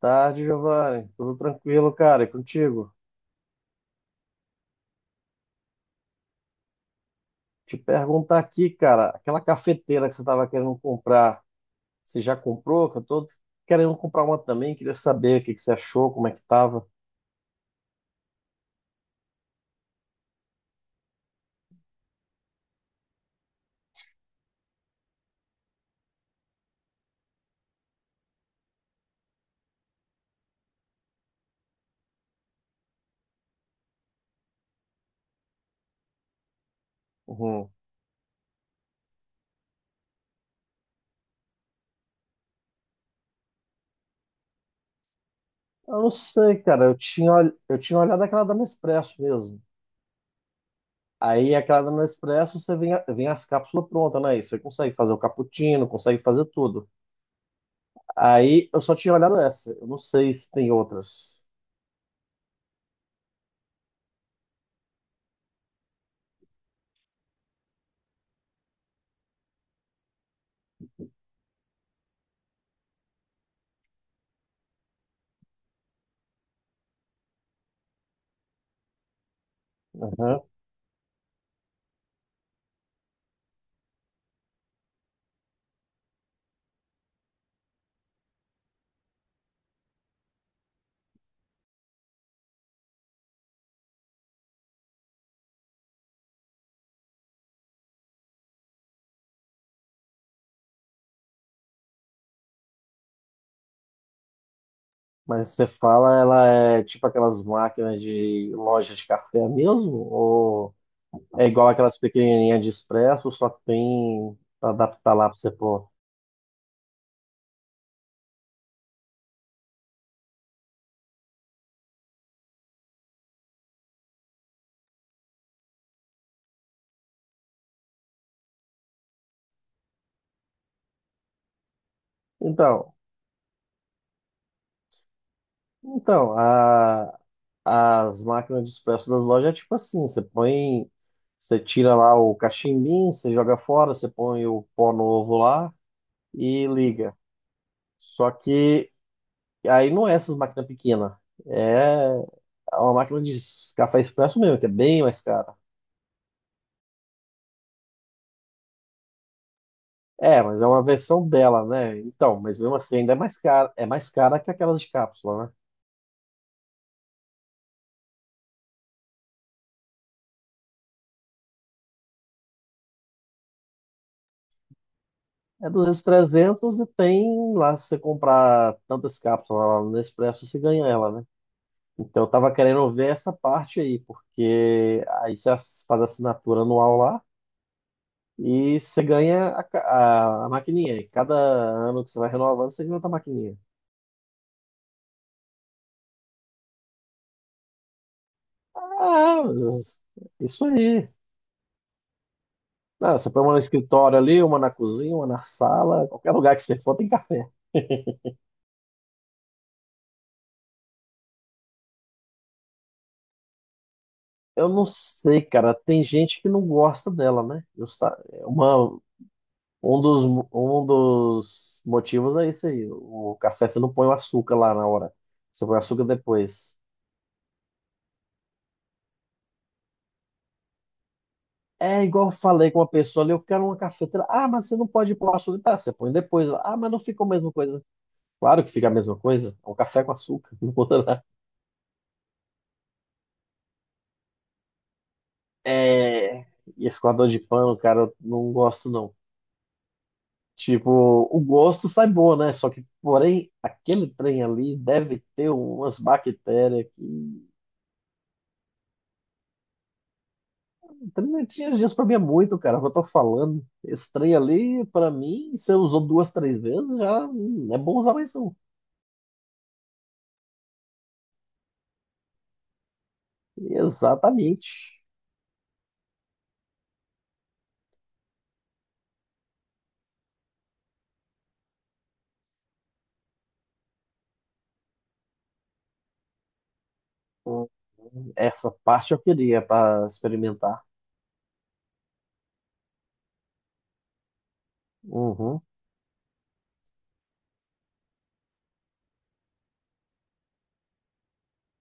Tarde, Giovanni. Tudo tranquilo, cara? E contigo? Te perguntar aqui, cara, aquela cafeteira que você estava querendo comprar, você já comprou? Que eu tô querendo comprar uma também, queria saber o que que você achou, como é que tava. Uhum. Eu não sei, cara. Eu tinha olhado aquela da Nespresso mesmo. Aí aquela da Nespresso, você vem, a- vem as cápsulas prontas, né? E você consegue fazer o cappuccino, consegue fazer tudo. Aí eu só tinha olhado essa. Eu não sei se tem outras. Uhum. Mas você fala, ela é tipo aquelas máquinas de loja de café mesmo? Ou é igual aquelas pequenininhas de expresso, só que tem para adaptar lá para você pôr? Então, então a-, as máquinas de expresso das lojas é tipo assim: você põe, você tira lá o cachimbinho, você joga fora, você põe o pó novo lá e liga. Só que aí não é essas máquinas pequenas, é uma máquina de café expresso mesmo, que é bem mais cara. É, mas é uma versão dela, né? Então, mas mesmo assim ainda é mais cara que aquelas de cápsula, né? É 200, 300 e tem lá, se você comprar tantas cápsulas lá no Nespresso, você ganha ela, né? Então eu tava querendo ver essa parte aí, porque aí você faz a assinatura anual lá e você ganha a maquininha. E cada ano que você vai renovando, você ganha outra maquininha. Ah, isso aí. Não, você põe uma no escritório ali, uma na cozinha, uma na sala, qualquer lugar que você for tem café. Eu não sei, cara. Tem gente que não gosta dela, né? Um dos, um dos motivos é isso aí. O café você não põe o açúcar lá na hora. Você põe o açúcar depois. É igual eu falei com uma pessoa ali, eu quero uma cafeteira. Ah, mas você não pode pôr açúcar. Tá, você põe depois. Ah, mas não fica a mesma coisa. Claro que fica a mesma coisa. É um café com açúcar. Não muda nada. É... e esse coador de pano, cara, eu não gosto não. Tipo, o gosto sai bom, né? Só que, porém, aquele trem ali deve ter umas bactérias que. O trem não tinha dias pra mim é muito, cara, é o que eu tô falando. Esse trem ali, pra mim, se eu usou duas, três vezes, já é bom usar mais não. Exatamente. Hum, Essa parte eu queria pra experimentar. Uhum.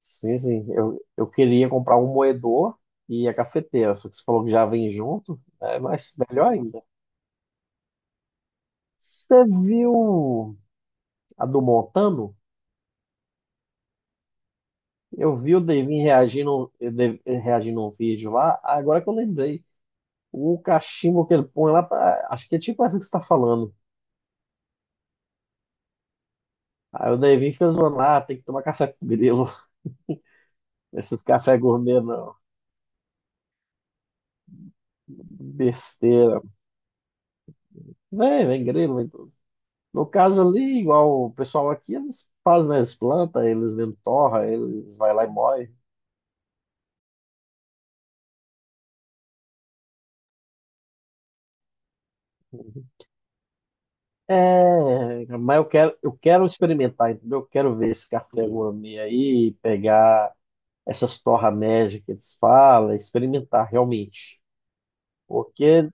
Sim, sim. Eu queria comprar um moedor e a cafeteira, só que você falou que já vem junto, é mais melhor ainda. Você viu a do Montano, eu vi o Devin reagindo, reagindo a um vídeo lá, agora que eu lembrei. O cachimbo que ele põe lá, acho que é tipo essa que você tá falando. Aí o Devin fica zoando lá, tem que tomar café com grilo. Esses café gourmet não. Besteira. Vem, vem grilo. Vem tudo. No caso ali, igual o pessoal aqui, eles fazem, né, eles plantam, eles mesmo torra, eles vai lá e moe. É, mas eu quero experimentar, entendeu? Eu quero ver esse café gourmet aí, pegar essas torra média que eles falam, experimentar realmente. Porque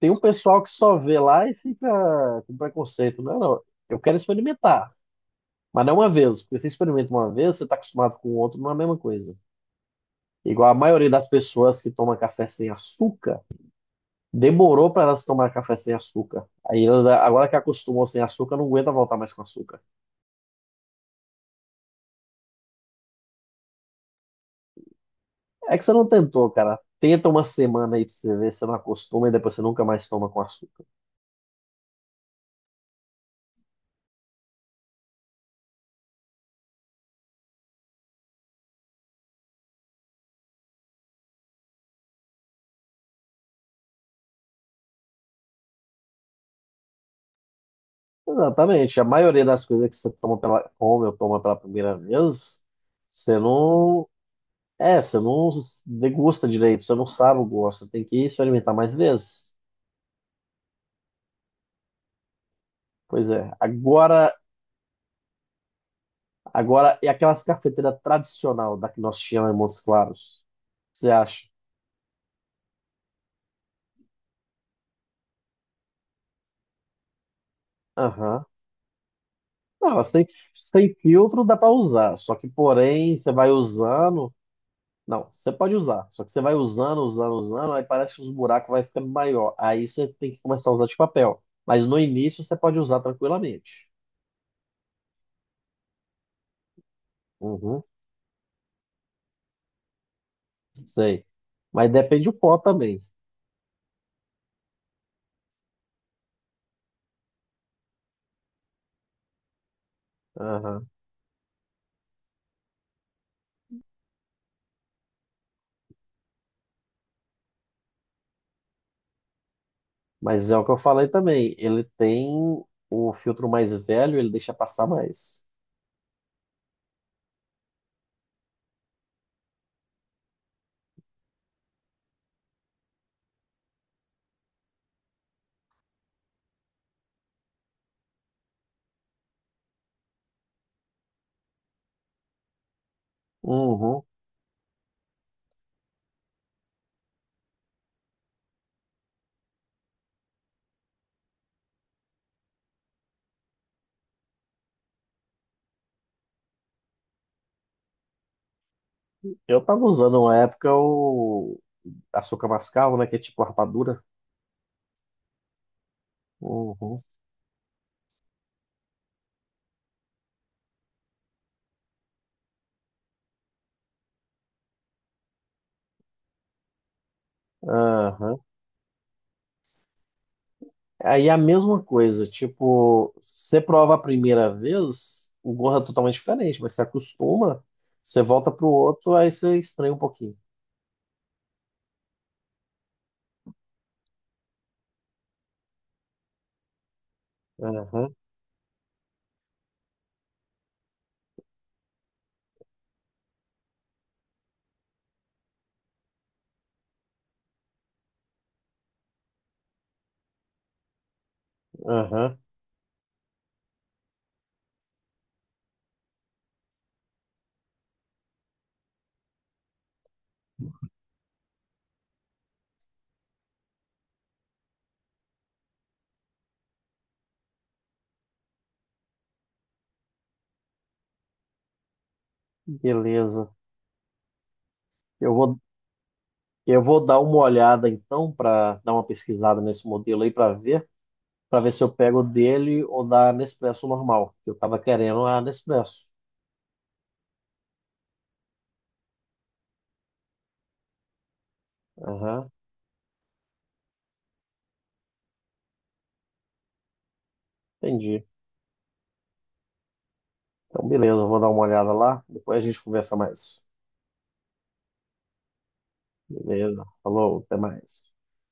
tem um pessoal que só vê lá e fica com preconceito. Não, não, eu quero experimentar, mas não uma vez, porque você experimenta uma vez, você está acostumado com o outro, não é a mesma coisa. Igual a maioria das pessoas que toma café sem açúcar, demorou para elas tomar café sem açúcar. Aí ela- agora que acostumou sem açúcar, não aguenta voltar mais com açúcar. É que você não tentou, cara. Tenta uma semana aí pra você ver se você não acostuma e depois você nunca mais toma com açúcar. Exatamente. A maioria das coisas que você toma pela, come ou toma pela primeira vez, você não. É, você não degusta direito, você não sabe o gosto, você tem que experimentar mais vezes. Pois é. Agora, e aquelas cafeteiras tradicional da que nós tínhamos em Montes Claros? Você acha? Aham. Não, elas têm, sem filtro dá para usar, só que porém você vai usando. Não, você pode usar. Só que você vai usando, usando, usando, aí parece que os buracos vai ficando maior. Aí você tem que começar a usar de papel. Mas no início você pode usar tranquilamente. Uhum, sei. Mas depende do pó também. Aham. Mas é o que eu falei também. Ele tem o filtro mais velho, ele deixa passar mais. Uhum. Eu tava usando uma época o açúcar mascavo, né? Que é tipo rapadura. Uhum. Aham. Aí é a mesma coisa, tipo, você prova a primeira vez, o gosto é totalmente diferente, mas você acostuma, você volta pro outro, aí você estranha um pouquinho. Aham, aham, beleza. Eu vou, eu vou dar uma olhada então para dar uma pesquisada nesse modelo aí para ver se eu pego dele ou da Nespresso normal, que eu tava querendo a Nespresso. Aham, entendi. Então beleza, eu vou dar uma olhada lá, depois a gente conversa mais. Beleza, falou, até mais.